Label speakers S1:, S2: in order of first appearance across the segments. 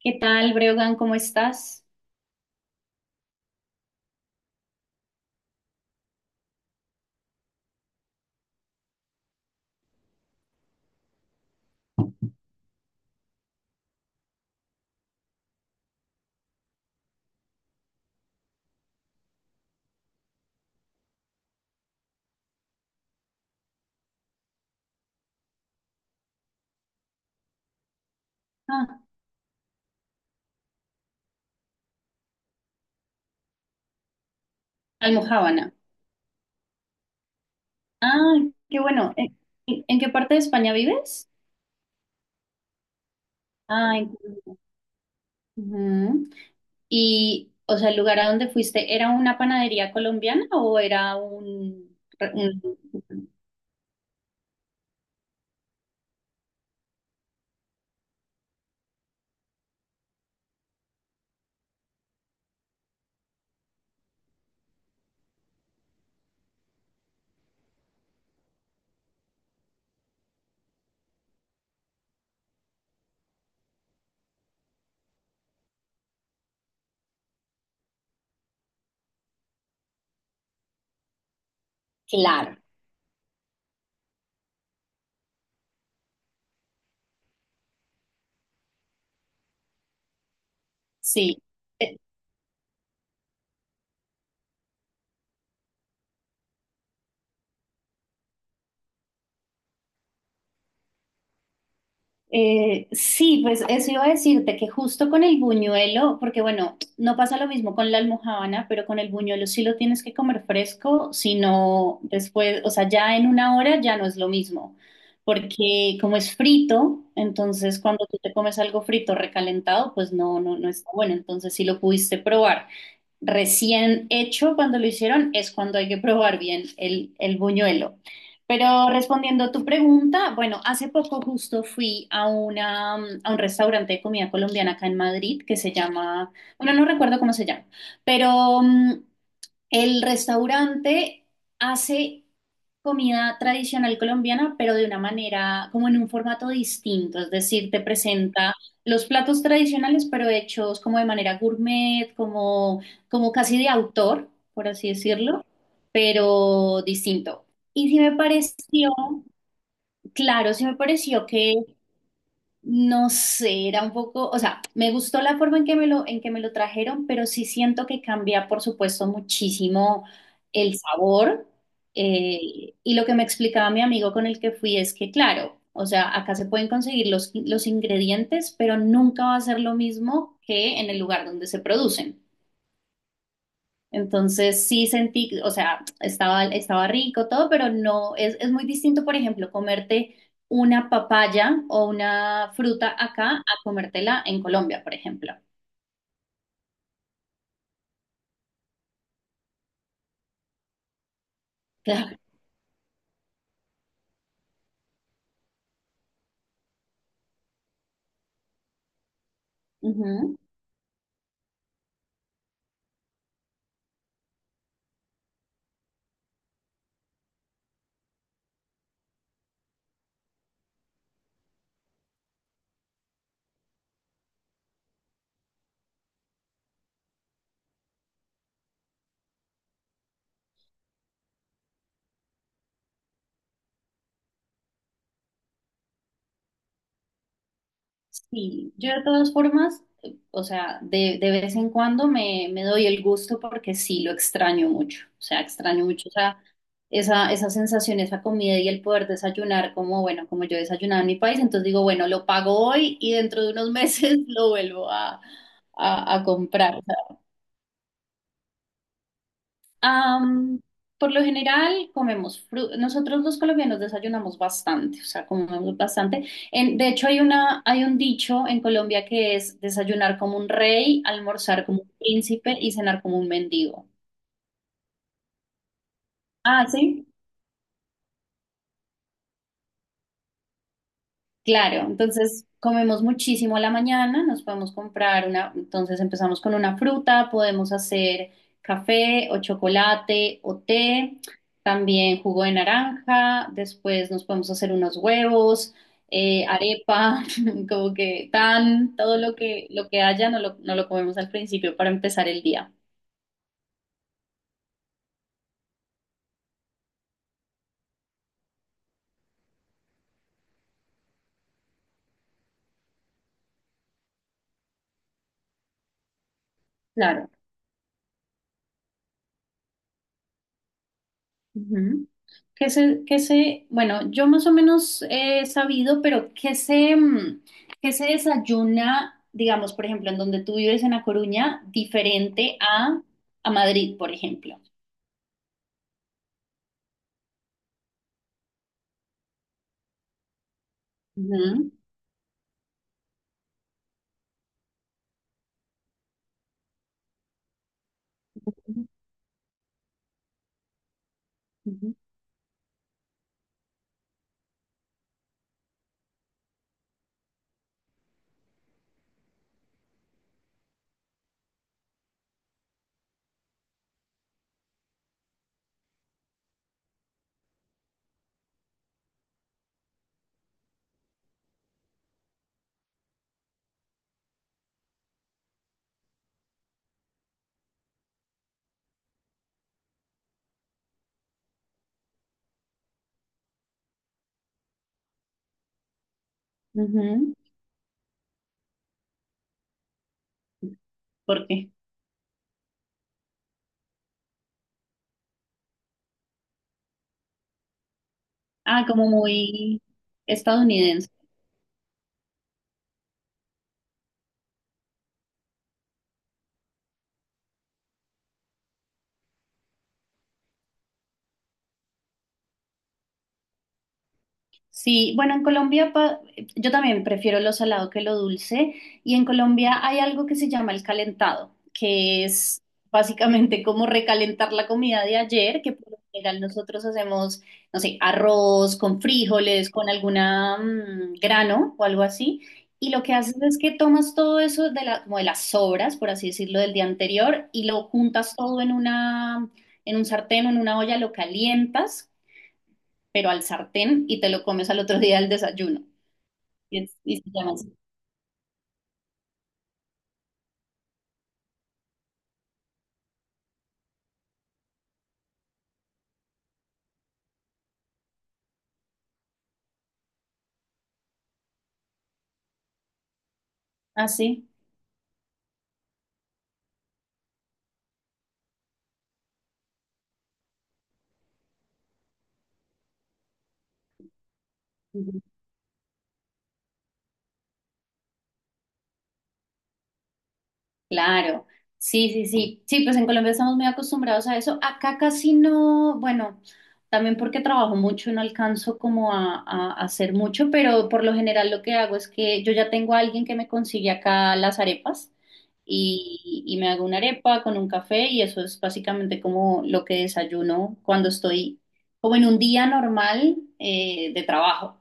S1: ¿Qué tal, Breogán? ¿Cómo estás? Ah, almojábana. Ah, qué bueno. ¿En qué parte de España vives? Ah, en Colombia. Ujú. Y, o sea, el lugar a donde fuiste, ¿era una panadería colombiana o era un... Un- Claro, sí. Eh, sí, pues eso iba a decirte que justo con el buñuelo, porque bueno, no pasa lo mismo con la almojábana, pero con el buñuelo sí lo tienes que comer fresco, sino después, o sea, ya en una hora ya no es lo mismo, porque como es frito, entonces cuando tú te comes algo frito recalentado, pues no está bueno, entonces sí lo pudiste probar recién hecho. Cuando lo hicieron, es cuando hay que probar bien el buñuelo. Pero respondiendo a tu pregunta, bueno, hace poco justo fui a, una, a un restaurante de comida colombiana acá en Madrid que se llama, bueno, no recuerdo cómo se llama, pero el restaurante hace comida tradicional colombiana, pero de una manera, como en un formato distinto, es decir, te presenta los platos tradicionales, pero hechos como de manera gourmet, como, como casi de autor, por así decirlo, pero distinto. Y sí me pareció, claro, sí me pareció que no sé, era un poco, o sea, me gustó la forma en que me lo, en que me lo trajeron, pero sí siento que cambia, por supuesto, muchísimo el sabor. Eh, y lo que me explicaba mi amigo con el que fui es que, claro, o sea, acá se pueden conseguir los ingredientes, pero nunca va a ser lo mismo que en el lugar donde se producen. Entonces sí sentí, o sea, estaba, estaba rico todo, pero no, es muy distinto, por ejemplo, comerte una papaya o una fruta acá a comértela en Colombia, por ejemplo. Claro. Sí, yo de todas formas, o sea, de vez en cuando me doy el gusto porque sí lo extraño mucho, o sea, extraño mucho, o sea, esa sensación, esa comida y el poder desayunar como, bueno, como yo desayunaba en mi país, entonces digo, bueno, lo pago hoy y dentro de unos meses lo vuelvo a comprar. Am, por lo general comemos fruta. Nosotros los colombianos desayunamos bastante, o sea, comemos bastante. En- de hecho, hay una, hay un dicho en Colombia que es desayunar como un rey, almorzar como un príncipe y cenar como un mendigo. Ah, sí. Claro, entonces comemos muchísimo a la mañana, nos podemos comprar una, entonces empezamos con una fruta, podemos hacer café o chocolate o té, también jugo de naranja, después nos podemos hacer unos huevos, arepa, como que tan, todo lo que haya, no lo, no lo comemos al principio para empezar el día. Claro. Ujú. Que se, bueno, yo más o menos he sabido, pero que se, que se desayuna, digamos, por ejemplo, en donde tú vives en La Coruña, diferente a Madrid, por ejemplo. Ujú, ujú, ujú. ¿Por qué? Ah, como muy estadounidense. Sí, bueno, en Colombia pa- yo también prefiero lo salado que lo dulce y en Colombia hay algo que se llama el calentado, que es básicamente como recalentar la comida de ayer, que por lo general nosotros hacemos, no sé, arroz con frijoles, con alguna grano o algo así, y lo que haces es que tomas todo eso de la, como de las sobras, por así decirlo, del día anterior y lo juntas todo en una, en un sartén o en una olla, lo calientas pero al sartén y te lo comes al otro día al desayuno. Y, es- y se llama así. Ah, sí. Ujú. Claro. Sí, pues en Colombia estamos muy acostumbrados a eso. Acá casi no, bueno, también porque trabajo mucho y no alcanzo como a hacer mucho, pero por lo general lo que hago es que yo ya tengo a alguien que me consigue acá las arepas y me hago una arepa con un café y eso es básicamente como lo que desayuno cuando estoy como en un día normal de trabajo.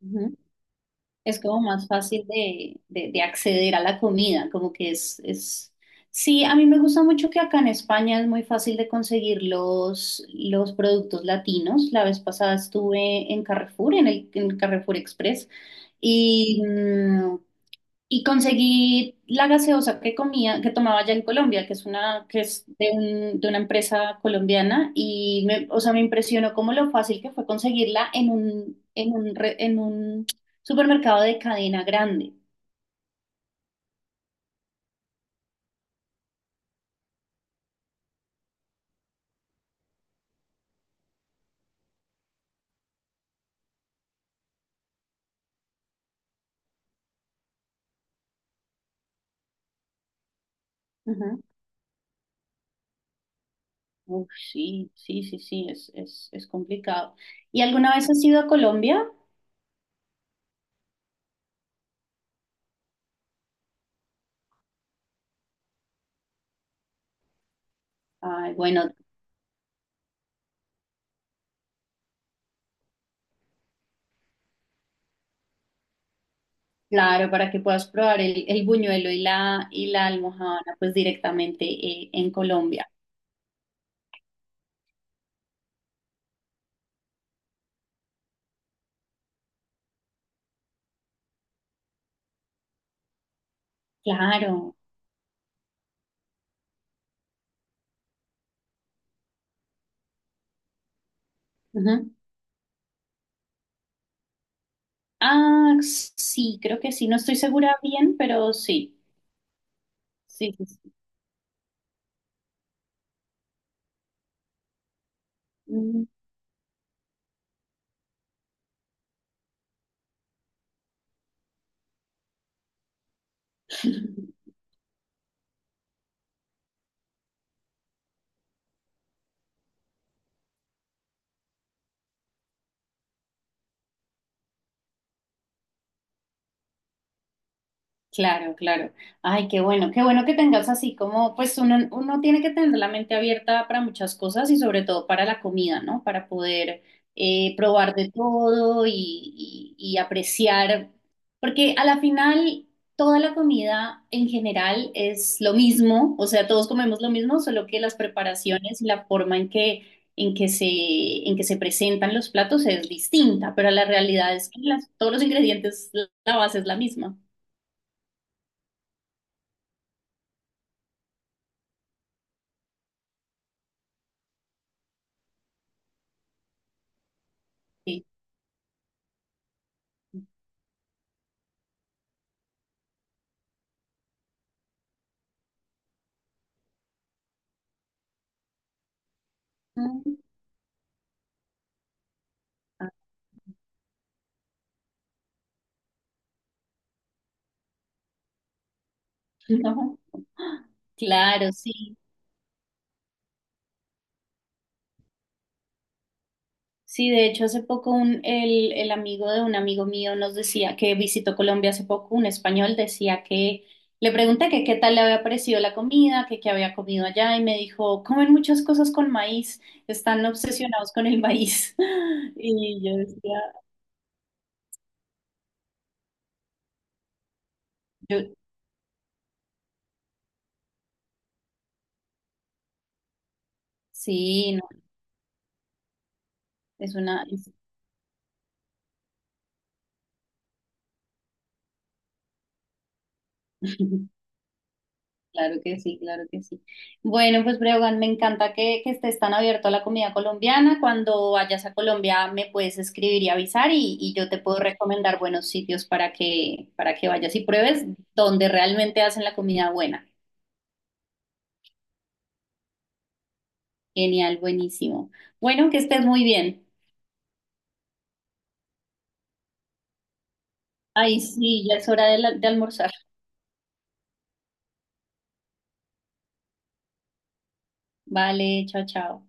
S1: Ujú. Es como más fácil de acceder a la comida, como que es... Sí, a mí me gusta mucho que acá en España es muy fácil de conseguir los productos latinos. La vez pasada estuve en Carrefour, en el, en Carrefour Express, y y conseguí la gaseosa que comía, que tomaba allá en Colombia, que es una, que es de un- de una empresa colombiana, y me, o sea, me impresionó cómo lo fácil que fue conseguirla en un, re- en un supermercado de cadena grande. Ujú. Uf, sí, es complicado. ¿Y alguna vez has ido a Colombia? Ay, bueno, claro, para que puedas probar el buñuelo y la almojábana, pues directamente en Colombia. Claro. Ujú. Ah, sí, creo que sí. No estoy segura bien, pero sí. Sí. Mm. Claro, claro. Ay, qué bueno que tengas así como, pues uno, uno tiene que tener la mente abierta para muchas cosas y sobre todo para la comida, ¿no? Para poder probar de todo y, y apreciar, porque a la final toda la comida en general es lo mismo, o sea, todos comemos lo mismo, solo que las preparaciones y la forma en que se presentan los platos es distinta, pero la realidad es que las- todos los ingredientes, la base es la misma. Sí. Mm. Ah, no. Claro, sí. Sí, de hecho, hace poco un, el amigo de un amigo mío nos decía que visitó Colombia hace poco, un español decía que le pregunté que qué tal le había parecido la comida, que qué había comido allá y me dijo, comen muchas cosas con maíz, están obsesionados con el maíz. Y yo decía, yo, sí, no, es una... Claro que sí, claro que sí. Bueno, pues Breogán, me encanta que estés tan abierto a la comida colombiana. Cuando vayas a Colombia me puedes escribir y avisar y yo te puedo recomendar buenos sitios para que vayas y pruebes donde realmente hacen la comida buena. Genial, buenísimo. Bueno, que estés muy bien. Ay, sí, ya es hora de la- de almorzar. Vale, chao, chao.